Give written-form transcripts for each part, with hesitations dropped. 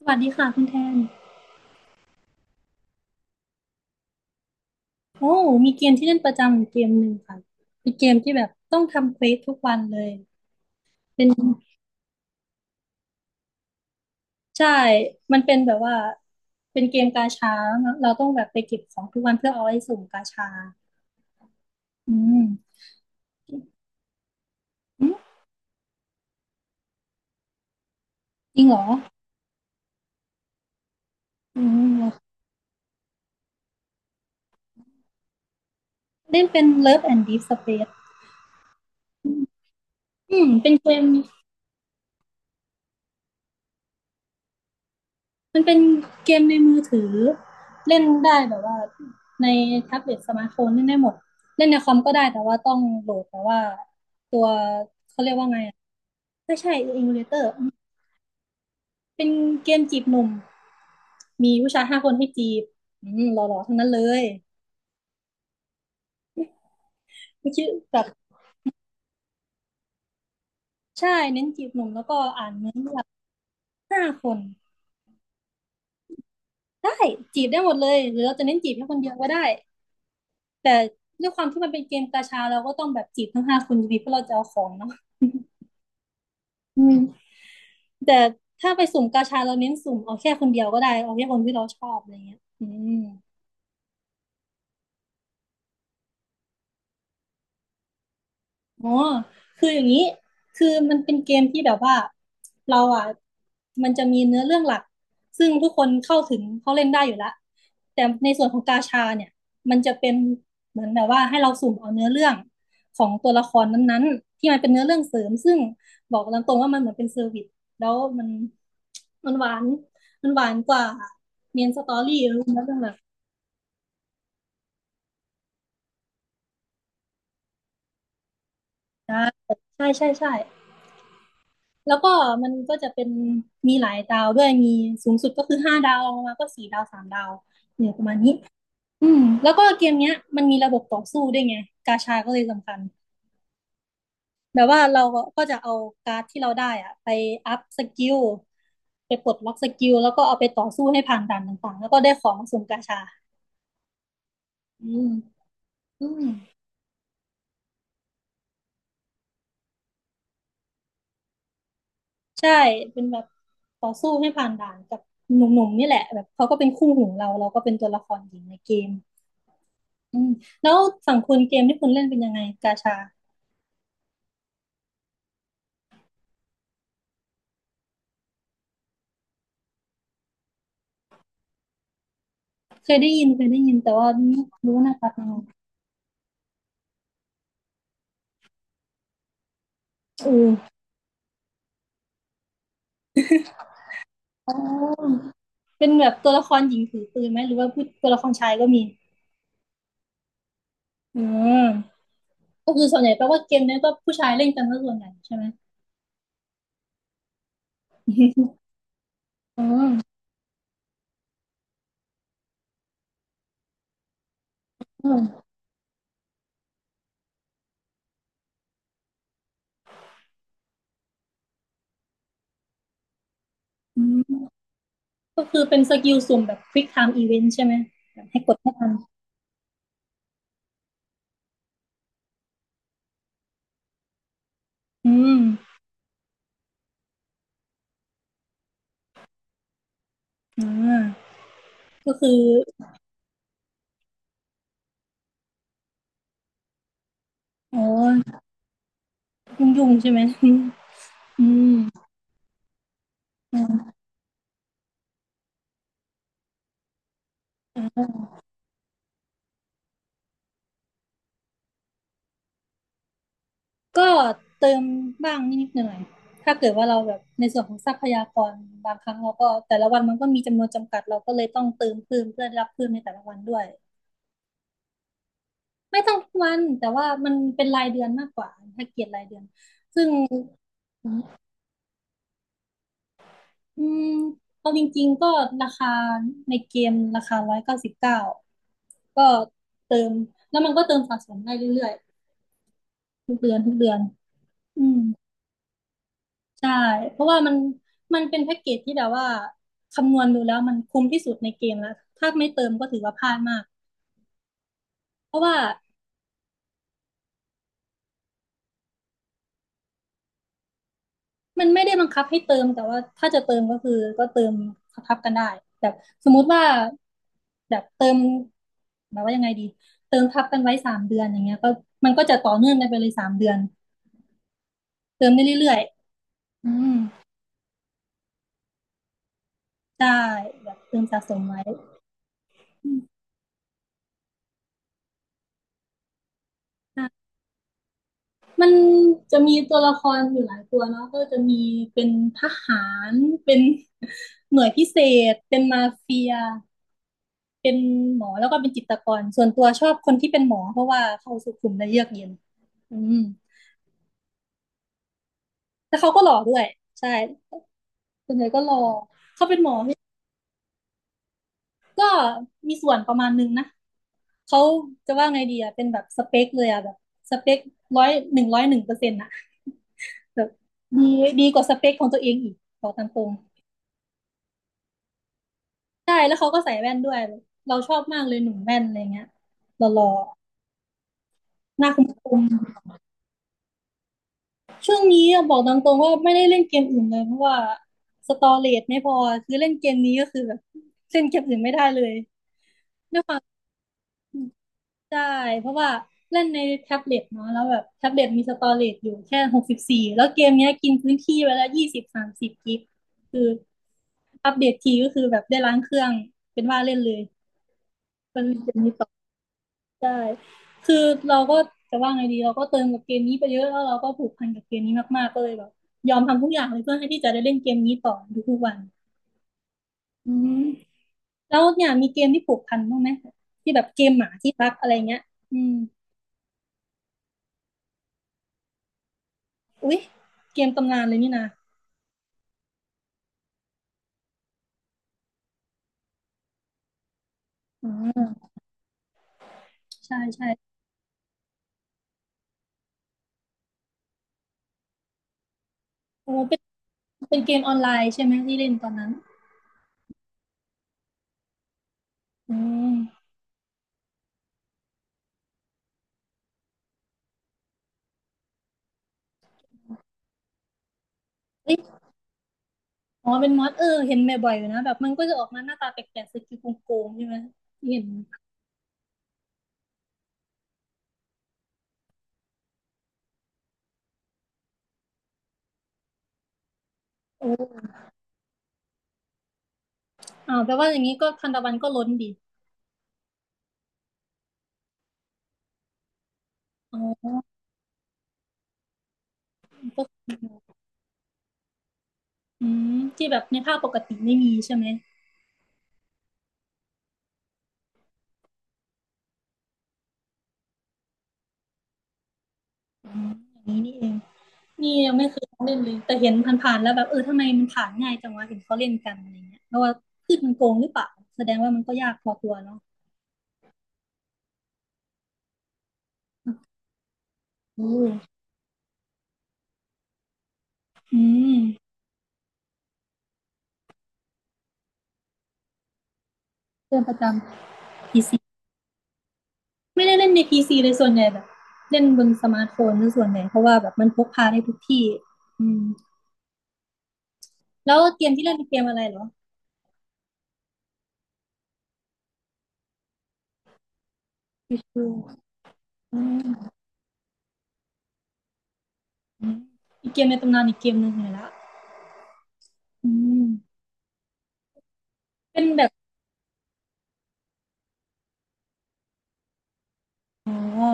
สวัสดีค่ะคุณแทนโอ้มีเกมที่เล่นประจำอยู่เกมหนึ่งค่ะเป็นเกมที่แบบต้องทำเควสทุกวันเลยเป็นใช่ มันเป็นแบบว่า เป็นเกมกาชาแล้วเราต้องแบบไปเก็บของทุกวันเพื่อเอาไว้สุ่มกาชา อืม อืมจริงเหรอ อืมเล่นเป็น Love and Deep Space อืมเป็นเกม มันเป็นเกมในมือถือเล่นได้แบบว่าในแท็บเล็ตสมาร์ทโฟนเล่นได้หมดเล่นในคอมก็ได้แต่ว่าต้องโหลดแต่ว่าตัวเขาเรียกว่าไงอะไม่ใช่อิมูเลเตอร์เป็นเกมจีบหนุ่มมีผู้ชายห้าคนให้จีบอืมหล่อๆทั้งนั้นเลยไม่คิดแบบใช่เน้นจีบหนุ่มแล้วก็อ่านเนื้อเรื่องห้าคนได้จีบได้หมดเลยหรือเราจะเน้นจีบแค่คนเดียวก็ได้แต่ด้วยความที่มันเป็นเกมกาชาเราก็ต้องแบบจีบทั้งห้าคนอยู่ดีเพราะเราจะเอาของเนาะอืม แต่ถ้าไปสุ่มกาชาเราเน้นสุ่มเอาแค่คนเดียวก็ได้เอาแค่คนที่เราชอบอะไรเงี้ยอืมอ๋อคืออย่างนี้คือมันเป็นเกมที่แบบว่าเราอ่ะมันจะมีเนื้อเรื่องหลักซึ่งทุกคนเข้าถึงเขาเล่นได้อยู่ละแต่ในส่วนของกาชาเนี่ยมันจะเป็นเหมือนแบบว่าให้เราสุ่มเอาเนื้อเรื่องของตัวละครนั้นๆที่มันเป็นเนื้อเรื่องเสริมซึ่งบอกตามตรงว่ามันเหมือนเป็นเซอร์วิสแล้วมันหวานกว่าเมนสตอรี่เนื้อเรื่องหลัก ใช่ใช่ใช่ใช่แล้วก็มันก็จะเป็นมีหลายดาวด้วยมีสูงสุดก็คือห้าดาวลงมาก็สี่ดาวสามดาวเนี่ยประมาณนี้อืมแล้วก็เกมเนี้ยมันมีระบบต่อสู้ด้วยไงกาชาก็เลยสำคัญแบบว่าเราก็จะเอาการ์ดที่เราได้อะไปอัพสกิลไปปลดล็อกสกิลแล้วก็เอาไปต่อสู้ให้ผ่านด่านต่างๆแล้วก็ได้ของสุ่มกาชาอืมอืมใช่เป็นแบบต่อสู้ให้ผ่านด่านกับหนุ่มๆนี่แหละแบบเขาก็เป็นคู่หูเราเราก็เป็นตัวละครหญิงในเกม อืมแล้วสังคุณเกมที่คุณเล่นเป็นยังไงกาชาเคยได้ยินเคยได้ยินแต่ว่าไม่รู้ว่าหนะครับยังไงเอืมอ๋อเป็นแบบตัวละครหญิงถือปืนไหมหรือว่าผู้ตัวละครชายก็มีอืมก็คือส่วนใหญ่แปลว่าเกมเนี้ยก็ผู้ชายเล่นกันซะส่วนใหญ่ใช่ไหมอืมอืมอืมก็คือเป็นสกิลสุ่มแบบ Quick Time Event ใช่ไหมแบบให้กดให้ทันอืมอ่าก็คืออ๋อยุ่งๆใช่ไหมอืมอืม ก็เติมบ้างนิดๆหน่อยๆถ้าเกิดว่าเราแบบในส่วนของทรัพยากรบางครั้งเราก็แต่ละวันมันก็มีจำนวนจำกัดเราก็เลยต้องเติมเพิ่มเพื่อรับเพิ่มในแต่ละวันด้วยไม่ต้องทุกวันแต่ว่ามันเป็นรายเดือนมากกว่าถ้าเกียรติรายเดือนอืมอืมเอาจริงๆก็ราคาในเกมราคา199ก็เติมแล้วมันก็เติมสะสมได้เรื่อยๆทุกเดือนทุกเดือนอืม ใช่เพราะว่ามันเป็นแพ็กเกจที่แบบว่าคำนวณดูแล้วมันคุ้มที่สุดในเกมแล้วถ้าไม่เติมก็ถือว่าพลาดมากเพราะว่ามันไม่ได้บังคับให้เติมแต่ว่าถ้าจะเติมก็คือก็เติมทับกันได้แบบสมมุติว่าแบบเติมแบบว่ายังไงดีเติมทับกันไว้สามเดือนอย่างเงี้ยก็มันก็จะต่อเนื่องกันไปเลยสามเดือนเติมได้เรื่อยๆอืมได้แบบเติมสะสมไว้อืมใช่ มันจะมีตัวละครอยู่หลายตัวเนาะก็จะมีเป็นทหารเป็น หน่วยพิเศษเป็นมาเฟียเป็นหมอแล้วก็เป็นจิตรกรส่วนตัวชอบคนที่เป็นหมอเพราะว่าเขาสุขุมและเยือกเย็นอืมแต่เขาก็หล่อด้วยใช่ส่วนใหญ่ก็หล่อเขาเป็นหมอก็มีส่วนประมาณนึงนะเขาจะว่าไงดีอะเป็นแบบสเปคเลยอะแบบสเปคร้อย101%อะแบบดีดีกว่าสเปคของตัวเองอีกบอกตามตรง ใช่แล้วเขาก็ใส่แว่นด้วยเราชอบมากเลยหนุ่มแว่นอะไรเงี้ยหล่อๆหน้าคมๆช่วงนี้อะบอกตามตรงว่าไม่ได้เล่นเกมอื่นเลยเพราะว่าสตอเรจไม่พอคือเล่นเกมนี้ก็คือแบบเล่นเกมอื่นไม่ได้เลยด้วยความใช่เพราะว่าเล่นในแท็บเล็ตเนาะแล้วแบบแท็บเล็ตมีสตอเรจอยู่แค่64แล้วเกมเนี้ยกินพื้นที่ไปแล้ว20-30กิกคืออัปเดตทีก็คือแบบได้ล้างเครื่องเป็นว่าเล่นเลยก็เล่นเกมนี้ต่อ ใช่คือเราก็จะว่าไงดีเราก็เติมกับเกมนี้ไปเยอะแล้วเราก็ผูกพันกับเกมนี้มากๆก็เลยแบบยอมทำทุกอย่างเลยเพื่อให้ที่จะได้เล่นเกมนี้ต่อทุกๆวันอืมแล้วเนี่ยมีเกมที่ผูกพันบ้างไหมที่แบบเกมหมาที่รักอะไรเงี้ยอืมอุ๊ยเกมตำนานเลยนี่นะอ๋อใช่ใช่โอ้เป็นเกมออนไลน์ใช่ไหมที่เล่นตอนนั้นอืมเอ้ยอ๋อเป็นมอสเออเห็นบ่อยๆอยู่นะแบบมันก็จะออกมาหน้าตาแปลกๆสกิลโกงๆใช่ไหมเห็นโอ้ อ่าแปลว่าอย่างนี้ก็ทานตะวันก็ล้นดิอ๋อก็อืมที่แบบในภาพปกติไม่มีใช่ไหมอ๋ออย่างนี้นี่เองนี่ยังไม่เคยเล่นเลยแต่เห็นผ่านๆแล้วแบบเออทำไมมันผ่านง่ายจังวะเห็นเขาเล่นกันอะไรเงี้ยเพราะว่าพืชมันโกงหรือเปล่าแสดงว่ามันก็ยากพอตัวเนาะอืออืมเล่นประจำพีซีไม่ได้เล่นในพีซีเลยส่วนใหญ่แบบเล่นบนสมาร์ทโฟนซะส่วนใหญ่เพราะว่าแบบมันพกพาได้ทุกที่อืมแล้วเกมที่เล่นเป็นเกมอะไรเหรอ Witcher อืม อืมอีกเกมในตำนานอีกเกมหนึ่งเลยละอืมเป็นแบบอ๋อ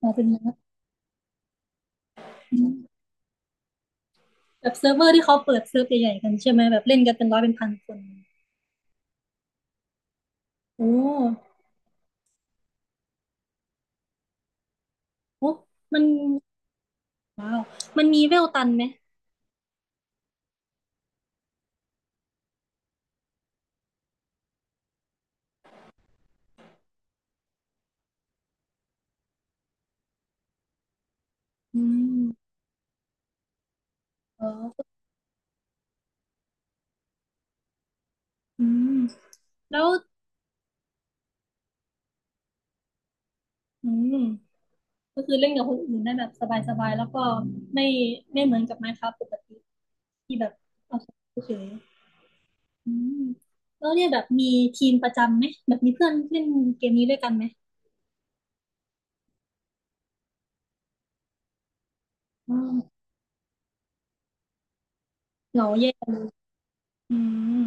อ๋อเป็นนัดอืมแบบเซิร์ฟเวอร์ที่เขาเปิดเซิร์ฟใหญ่ๆกันใช่ไหมแบบเล่นกันเป็นร้อยเป็นพันคนโอ้โอ้มันว้าวมันมีเวลตันไหมอืมอ๋ออืมแล้วอืมก็คือเล่นกับคนอื่นได้แบบสบายๆแล้วก็ไม่ไม่เหมือนกับ Minecraft ปกติที่แบบเอาเฉยๆอืมแล้วเนี่ยแบบมีทีมประจำไหมแบบมีเพื่อนเล่นเกมนี้ด้วยกันไหมอ เหงาแย่เลยอืม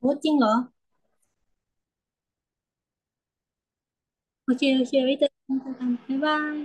โอ้จริงเหรอโอเคโอเคไว้เจอกันค่ะบ๊ายบาย